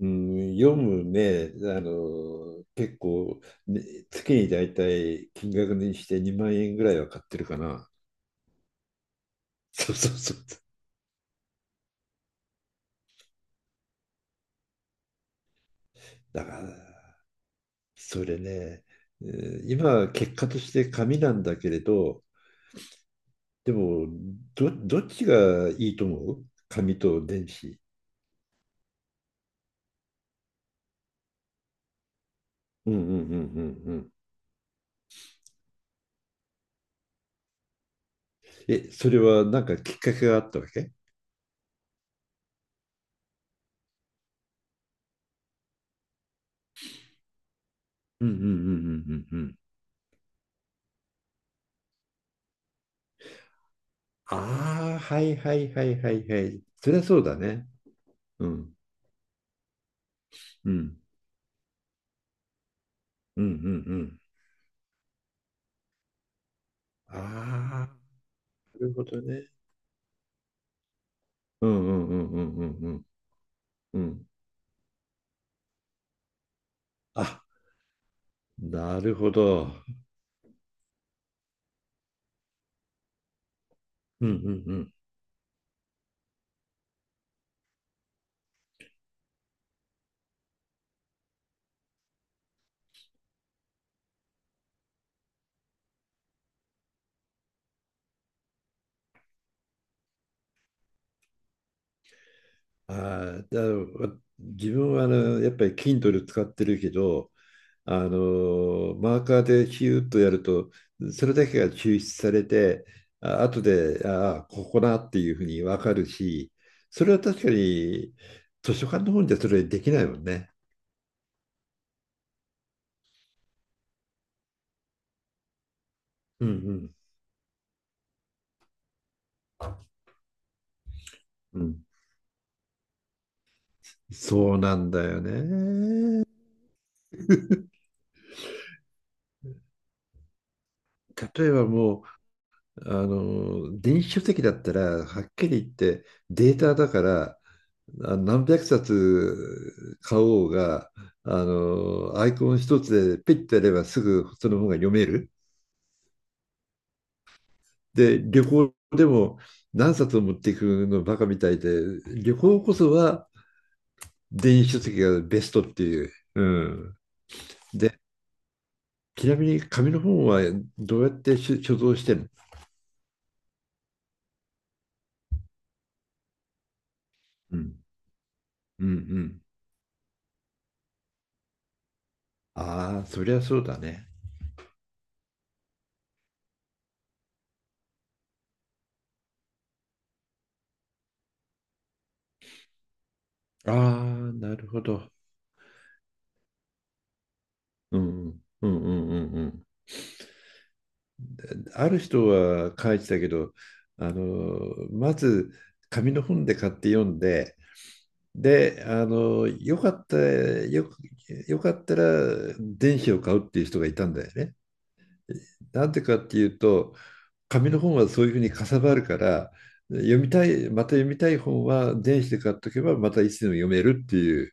うん、読むね、結構、ね、月にだいたい金額にして2万円ぐらいは買ってるかな。そうそうそう。だから、それね、今は結果として紙なんだけれど、でも、どっちがいいと思う紙と電子。うんうんうんうんうん。え、それはなんかきっかけがあったわけ？うんうんうんうんうんうん。ああ、はいはいはいはいはい。そりゃそうだね。うん。うん。うんうん、ああ、なるほどね。うん。うんうんうんうんうんうんうん、あ、なるほど。うんうんうん。ああ、自分はやっぱり Kindle 使ってるけど、マーカーでヒューッとやると、それだけが抽出されて、あ後で、ああ、ここだっていうふうに分かるし、それは確かに図書館の本じゃそれできないもんね。うんうん。うん。そうなんだよね。例えばもう、電子書籍だったら、はっきり言ってデータだから、あ何百冊買おうが、アイコン一つでピッてやればすぐその本が読める。で、旅行でも何冊を持っていくのバカみたいで、旅行こそは電子書籍がベストっていう。うん。で、ちなみに紙の本はどうやって所蔵してるの？うん。うんうん。ああ、そりゃそうだね。ああ、なるほど。うんうんうんうんうんうん、ある人は書いてたけど、まず紙の本で買って読んで、で、よかったら電子を買うっていう人がいたんだよね。なんでかっていうと、紙の本はそういうふうにかさばるから、読みたい、また読みたい本は電子で買っとけば、またいつでも読めるっていう。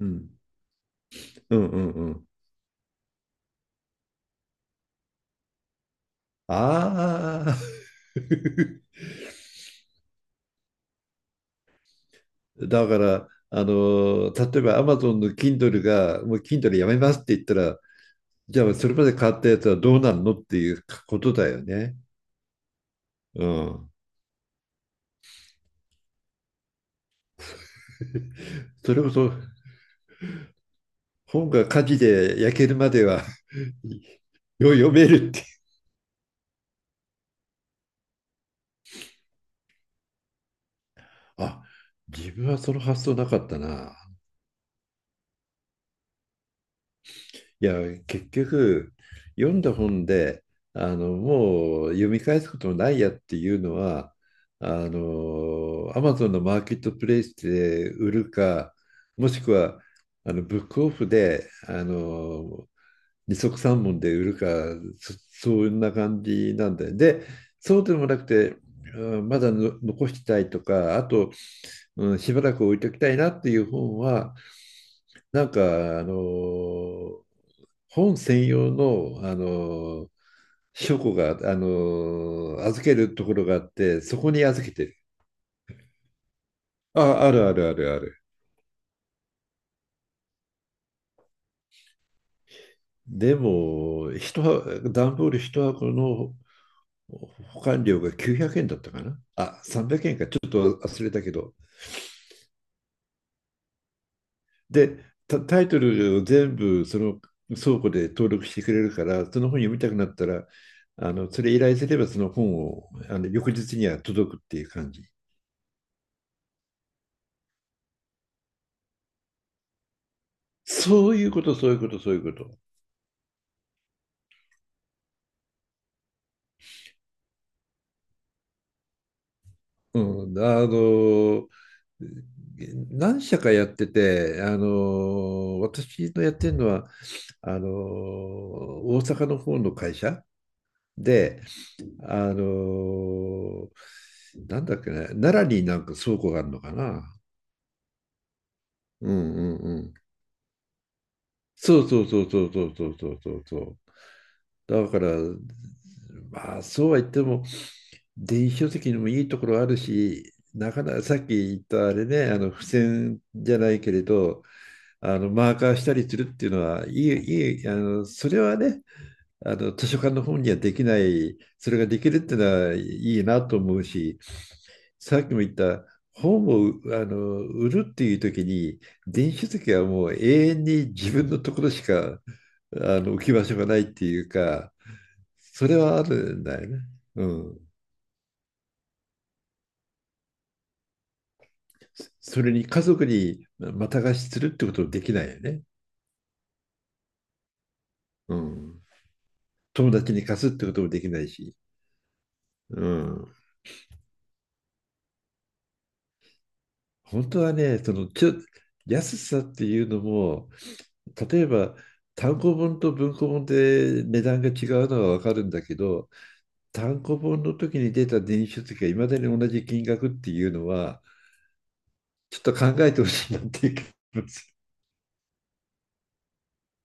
うんうんうんうんうん、ああ。 だから、例えばアマゾンの Kindle が、もう Kindle やめますって言ったら、じゃあそれまで買ったやつはどうなるのっていうことだよね。うん。それこそ本が火事で焼けるまでは 読めるっていう。あ、自分はその発想なかったな。いや、結局、読んだ本で、もう読み返すこともないやっていうのは、アマゾンのマーケットプレイスで売るか、もしくは、ブックオフで、二足三文で売るか、そ、そんな感じなんだよ。で、そうでもなくて、うんまだの残したいとか、あと、うん、しばらく置いときたいなっていう本は、なんか、あのー本専用の、書庫が、預けるところがあって、そこに預けてる。あ、あるあるあるある。でも、段ボール一箱の保管料が900円だったかな。あ、300円か、ちょっと忘れたけど。で、タイトルを全部その倉庫で登録してくれるから、その本読みたくなったら、それ依頼すればその本を翌日には届くっていう感じ。そういうこと、そういうこと、そういうこと。うん、何社かやってて、私のやってるのは大阪の方の会社で、あのなんだっけね、奈良になんか倉庫があるのかな。うんうんうん。そうそうそうそうそうそうそうそうそう。だから、まあそうは言っても電子書籍にもいいところあるし、なかなかさっき言ったあれね、付箋じゃないけれど、マーカーしたりするっていうのはいい、それはね、図書館の本にはできない、それができるっていうのはいいなと思うし、さっきも言った本を売るっていう時に、電子書籍はもう永遠に自分のところしか置き場所がないっていうか、それはあるんだよね。うん。それに家族にまた貸しするってこともできないよね。うん。友達に貸すってこともできないし。うん。本当はね、その安さっていうのも、例えば単行本と文庫本で値段が違うのは分かるんだけど、単行本の時に出た電子書籍がいまだに同じ金額っていうのはちょっと考えてほしいなっていう気がします。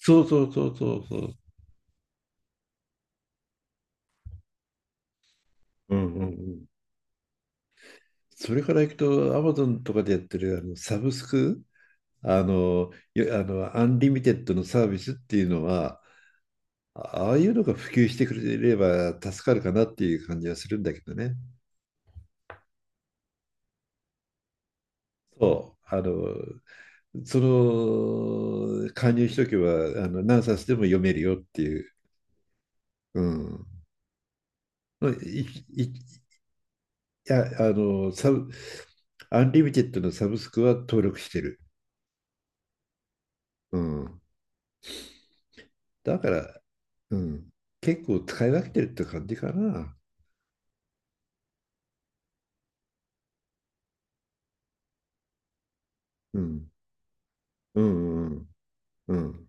そうそうそうそうそう。うんうんうん。それからいくと Amazon とかでやってるサブスクあのよあのアンリミテッドのサービスっていうのはあああいうのが普及してくれれば助かるかなっていう感じはするんだけどね。そう。その加入しとけば何冊でも読めるよっていう、うん、いいやアンリミテッドのサブスクは登録してる、うん、だから、うん、結構使い分けてるって感じかな、うん、うんうんうんうん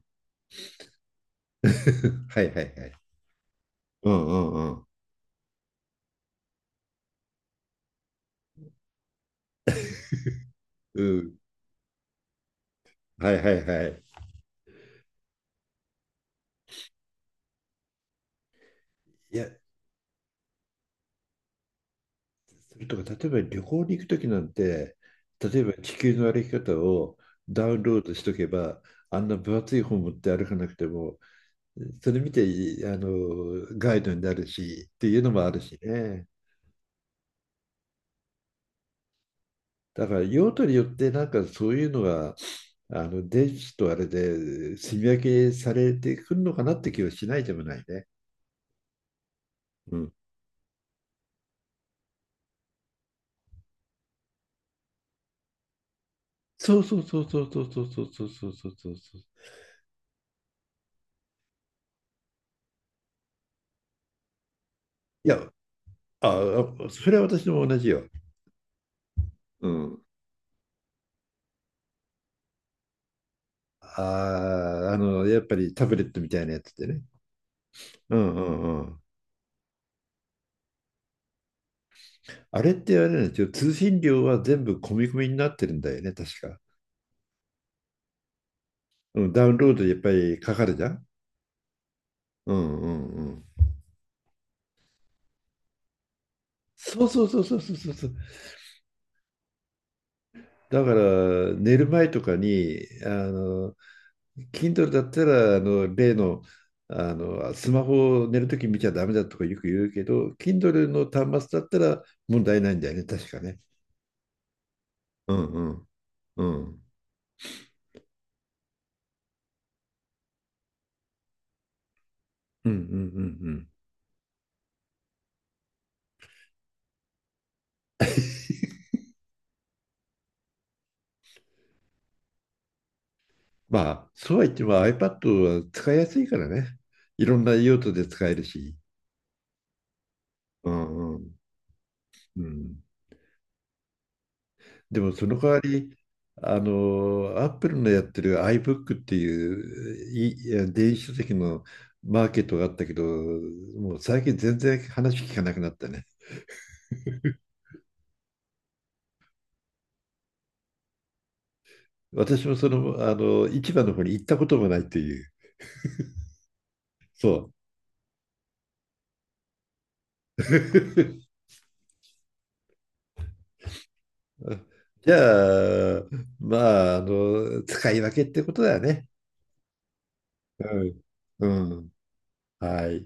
はいはいはい、うんうんうんうん、はいはいはい、いや、それとか、例えば旅行に行くときなんて、例えば地球の歩き方をダウンロードしとけば、あんな分厚い本持って歩かなくても、それ見てあのガイドになるしっていうのもあるしね。だから用途によってなんかそういうのが電子とあれで積み分けされてくるのかなって気はしないでもないね。うん、そうそうそうそうそうそうそうそうそうそうそう。いや、あ、それは私も同じよ。うん。ああ、やっぱりタブレットみたいなやつでね。うんうんうん。あれってあれなんですよ。通信料は全部込み込みになってるんだよね、確か。うん、ダウンロードやっぱりかかるじゃん。うんうんうん。そうそうそうそうそうそうそう。だから寝る前とかに、あの、Kindle だったら、あの、例の、あの、スマホを寝るとき見ちゃダメだとかよく言うけど、Kindle の端末だったら問題ないんだよね、確かね。うんうんうん。うんうんうんうん。まあ、そうは言っても iPad は使いやすいからね。いろんな用途で使えるし。うんうん。うん、でもその代わり、Apple のやってる iBook っていういいや電子書籍のマーケットがあったけど、もう最近全然話聞かなくなったね。私もその、市場の方に行ったこともないっていう。そう。じゃあ、まあ、使い分けってことだよね。うん。うんはい。